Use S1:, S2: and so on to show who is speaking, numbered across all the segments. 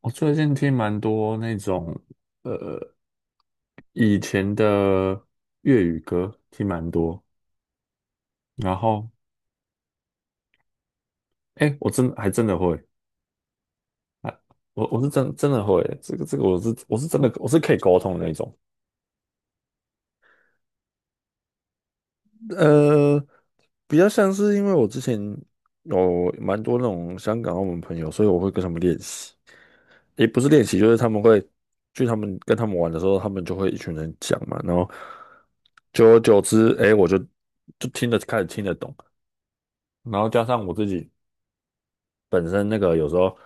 S1: 我最近听蛮多那种呃以前的粤语歌，听蛮多。然后，哎，我真的会啊，我是真的会这个，我是可以沟通的那种。呃，比较像是因为我之前有蛮多那种香港、澳门朋友，所以我会跟他们练习，也不是练习，就是他们会去他们跟他们玩的时候，他们就会一群人讲嘛，然后久而久之，哎，我就开始听得懂，然后加上我自己本身那个有时候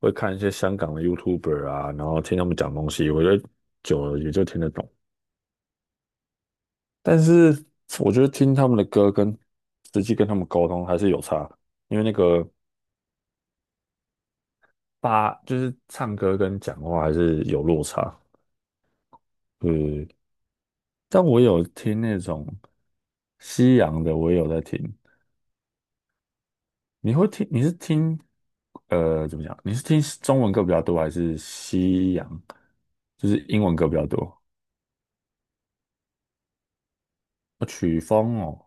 S1: 会看一些香港的 YouTuber 啊，然后听他们讲东西，我觉得久了也就听得懂。但是我觉得听他们的歌跟实际跟他们沟通还是有差，因为那个就是唱歌跟讲话还是有落差。嗯，但我有听那种西洋的，我也有在听。你会听？你是听呃怎么讲？你是听中文歌比较多，还是西洋？就是英文歌比较多？哦曲风哦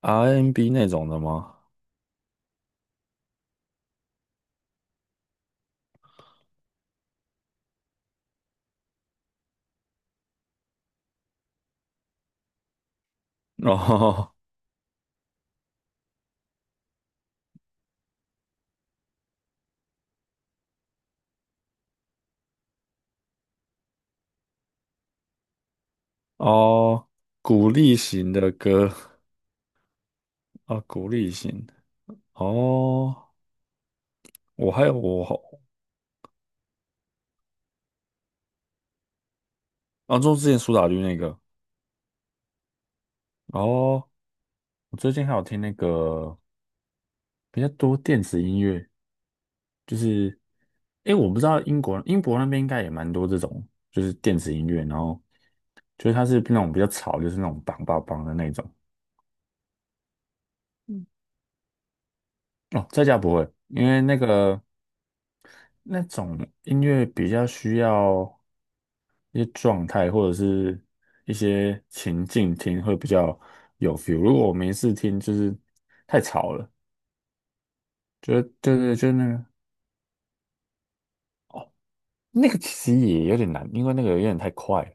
S1: ，R&B N 那种的吗？哦哦，鼓励型的歌啊，鼓励型哦。我还有我好，啊，就之前苏打绿那个哦，我最近还有听那个比较多电子音乐，就是诶，我不知道英国那边应该也蛮多这种，就是电子音乐，然后就是它是那种比较吵，就是那种梆梆梆的那种。嗯哦，在家不会，因为那种音乐比较需要。一些状态或者是一些情境听会比较有 feel。如果我没事听，就是太吵了，就对对，就那个其实也有点难，因为那个有点太快了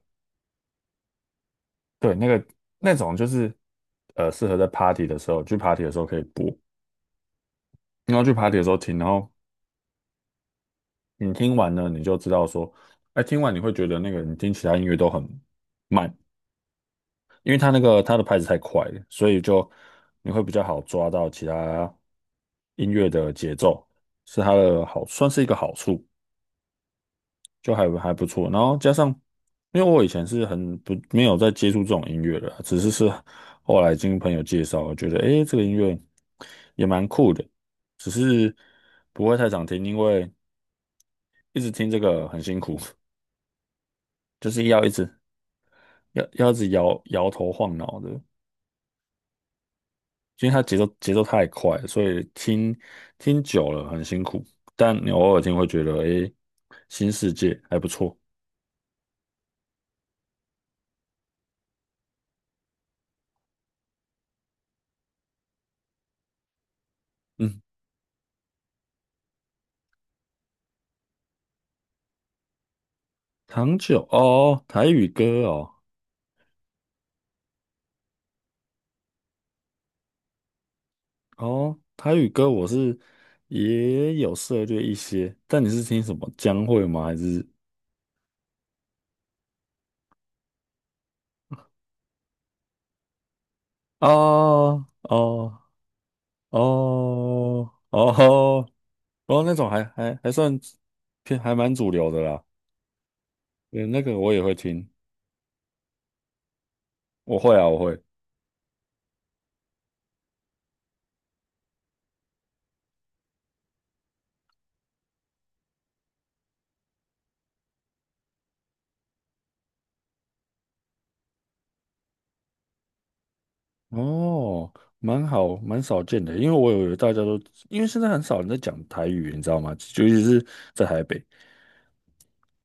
S1: 对，那个那种就是适合在 party 的时候，去 party 的时候可以播，然后去 party 的时候听，然后你听完呢，你就知道说，哎，听完你会觉得那个你听其他音乐都很慢，因为它那个它的拍子太快了，所以就你会比较好抓到其他音乐的节奏，是它的好，算是一个好处，就还不错。然后加上，因为我以前是很不没有在接触这种音乐的，只是后来经朋友介绍，我觉得诶这个音乐也蛮酷的，只是不会太常听，因为一直听这个很辛苦，就是要一直摇摇头晃脑的。因为它节奏太快了所以听久了很辛苦，但你偶尔听会觉得，诶，新世界还不错。嗯，糖酒哦，台语歌哦，哦，台语歌我是也有涉猎一些，但你是听什么将会吗？还是哦哦哦哦哦那种还算偏还蛮主流的啦，对，那个我也会听，我会啊，我会。哦，蛮好，蛮少见的，因为我以为大家都，因为现在很少人在讲台语，你知道吗？尤其是在台北，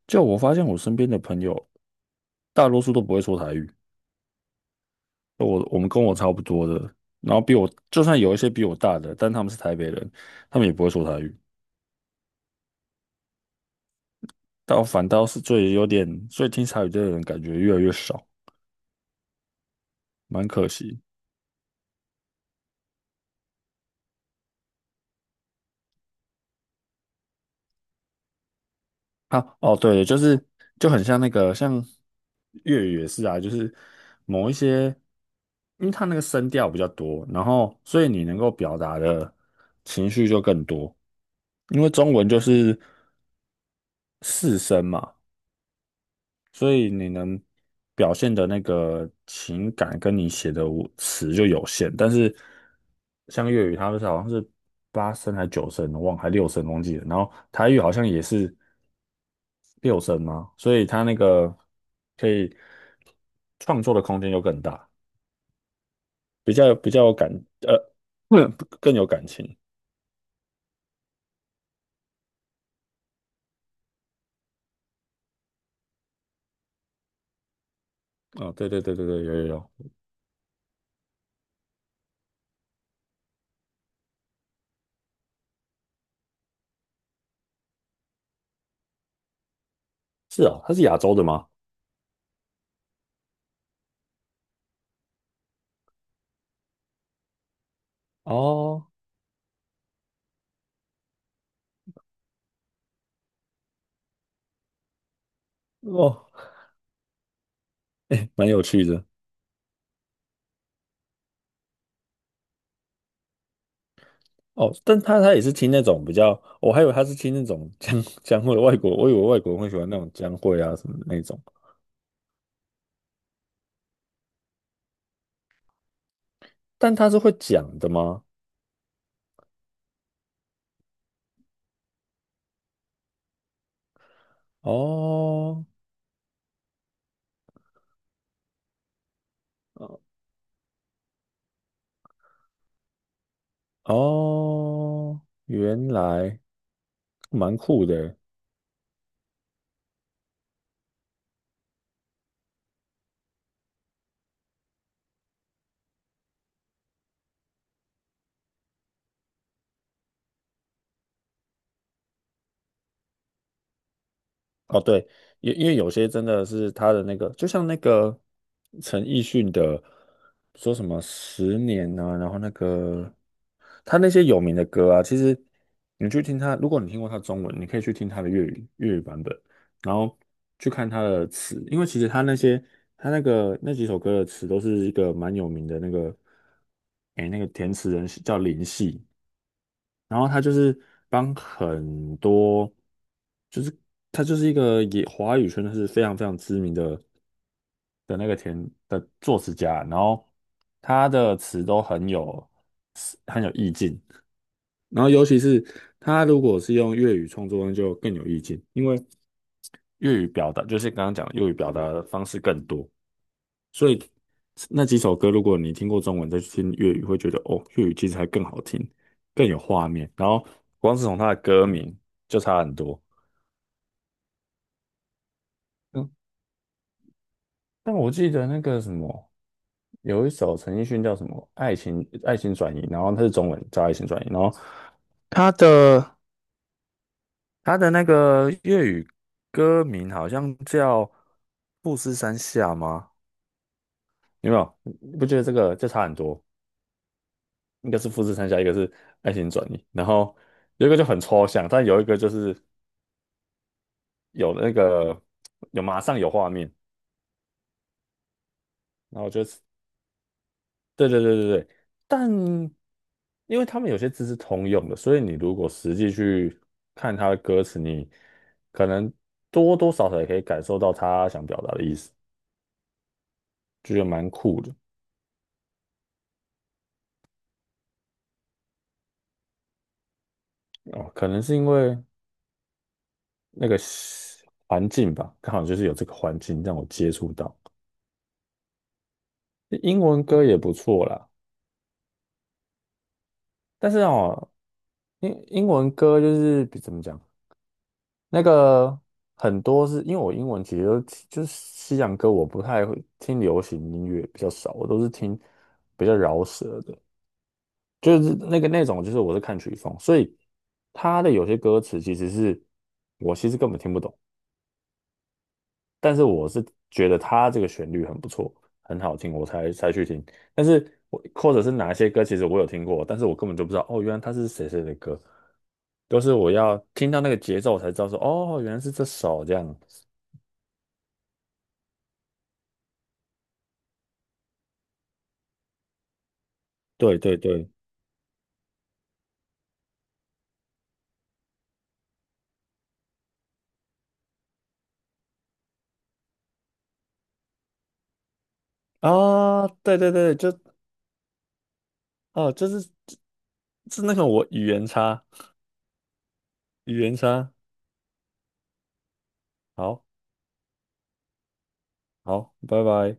S1: 就我发现我身边的朋友，大多数都不会说台语，我们跟我差不多的，然后比我，就算有一些比我大的，但他们是台北人，他们也不会说台语，但我反倒是最有点，所以听台语的人感觉越来越少，蛮可惜。啊，哦，对，就是就很像那个，像粤语也是啊，就是某一些，因为它那个声调比较多，然后所以你能够表达的情绪就更多，因为中文就是四声嘛，所以你能表现的那个情感跟你写的文词就有限，但是像粤语，它们是好像是八声还九声，我忘了还六声忘记了，然后台语好像也是。六神嘛，所以它那个可以创作的空间又更大，比较比较有感，呃，嗯更有感情。哦，对对对对对，有有有，是啊，它是亚洲的吗？哦哦，蛮有趣的哦，但他也是听那种比较，我还以为他是听那种江蕙外国，我以为外国人会喜欢那种江蕙啊什么的那种，但他是会讲的吗？哦哦，哦原来蛮酷的。哦，对，因为有些真的是他的那个，就像那个陈奕迅的，说什么十年啊，然后那个他那些有名的歌啊，其实你去听他，如果你听过他的中文，你可以去听他的粤语版本，然后去看他的词，因为其实他那些他那个那几首歌的词都是一个蛮有名的那个，诶，那个填词人是叫林夕，然后他就是帮很多，就是他就是一个也华语圈就是非常非常知名的那个作词家，然后他的词都很有意境，然后尤其是他如果是用粤语创作，那就更有意境，因为粤语表达就是刚刚讲的粤语表达的方式更多。所以那几首歌，如果你听过中文再去听粤语，会觉得哦，粤语其实还更好听，更有画面。然后光是从它的歌名就差很多。嗯，但我记得那个什么，有一首陈奕迅叫什么《爱情转移》，然后它是中文叫《爱情转移》，然后它的它的那个粤语歌名好像叫《富士山下》吗？有没有？你不觉得这个就差很多？一个是富士山下，一个是爱情转移，然后有一个就很抽象，但有一个就是有那个有马上有画面，然后就是对对对对对，但因为他们有些字是通用的，所以你如果实际去看他的歌词，你可能多多少少也可以感受到他想表达的意思，就觉得蛮酷的哦。可能是因为那个环境吧，刚好就是有这个环境让我接触到英文歌也不错啦。但是哦，英文歌就是比怎么讲，那个很多是因为我英文其实都就是西洋歌，我不太会听流行音乐比较少，我都是听比较饶舌的，就是那个那种就是我是看曲风，所以他的有些歌词其实是我其实根本听不懂，但是我是觉得他这个旋律很不错，很好听，我才去听。但是我或者是哪一些歌，其实我有听过，但是我根本就不知道哦，原来他是谁谁的歌。都是我要听到那个节奏我才知道说，哦，原来是这首这样。对对对，啊，对对对，就哦，就是那个我语言差，语言差。好，好，拜拜。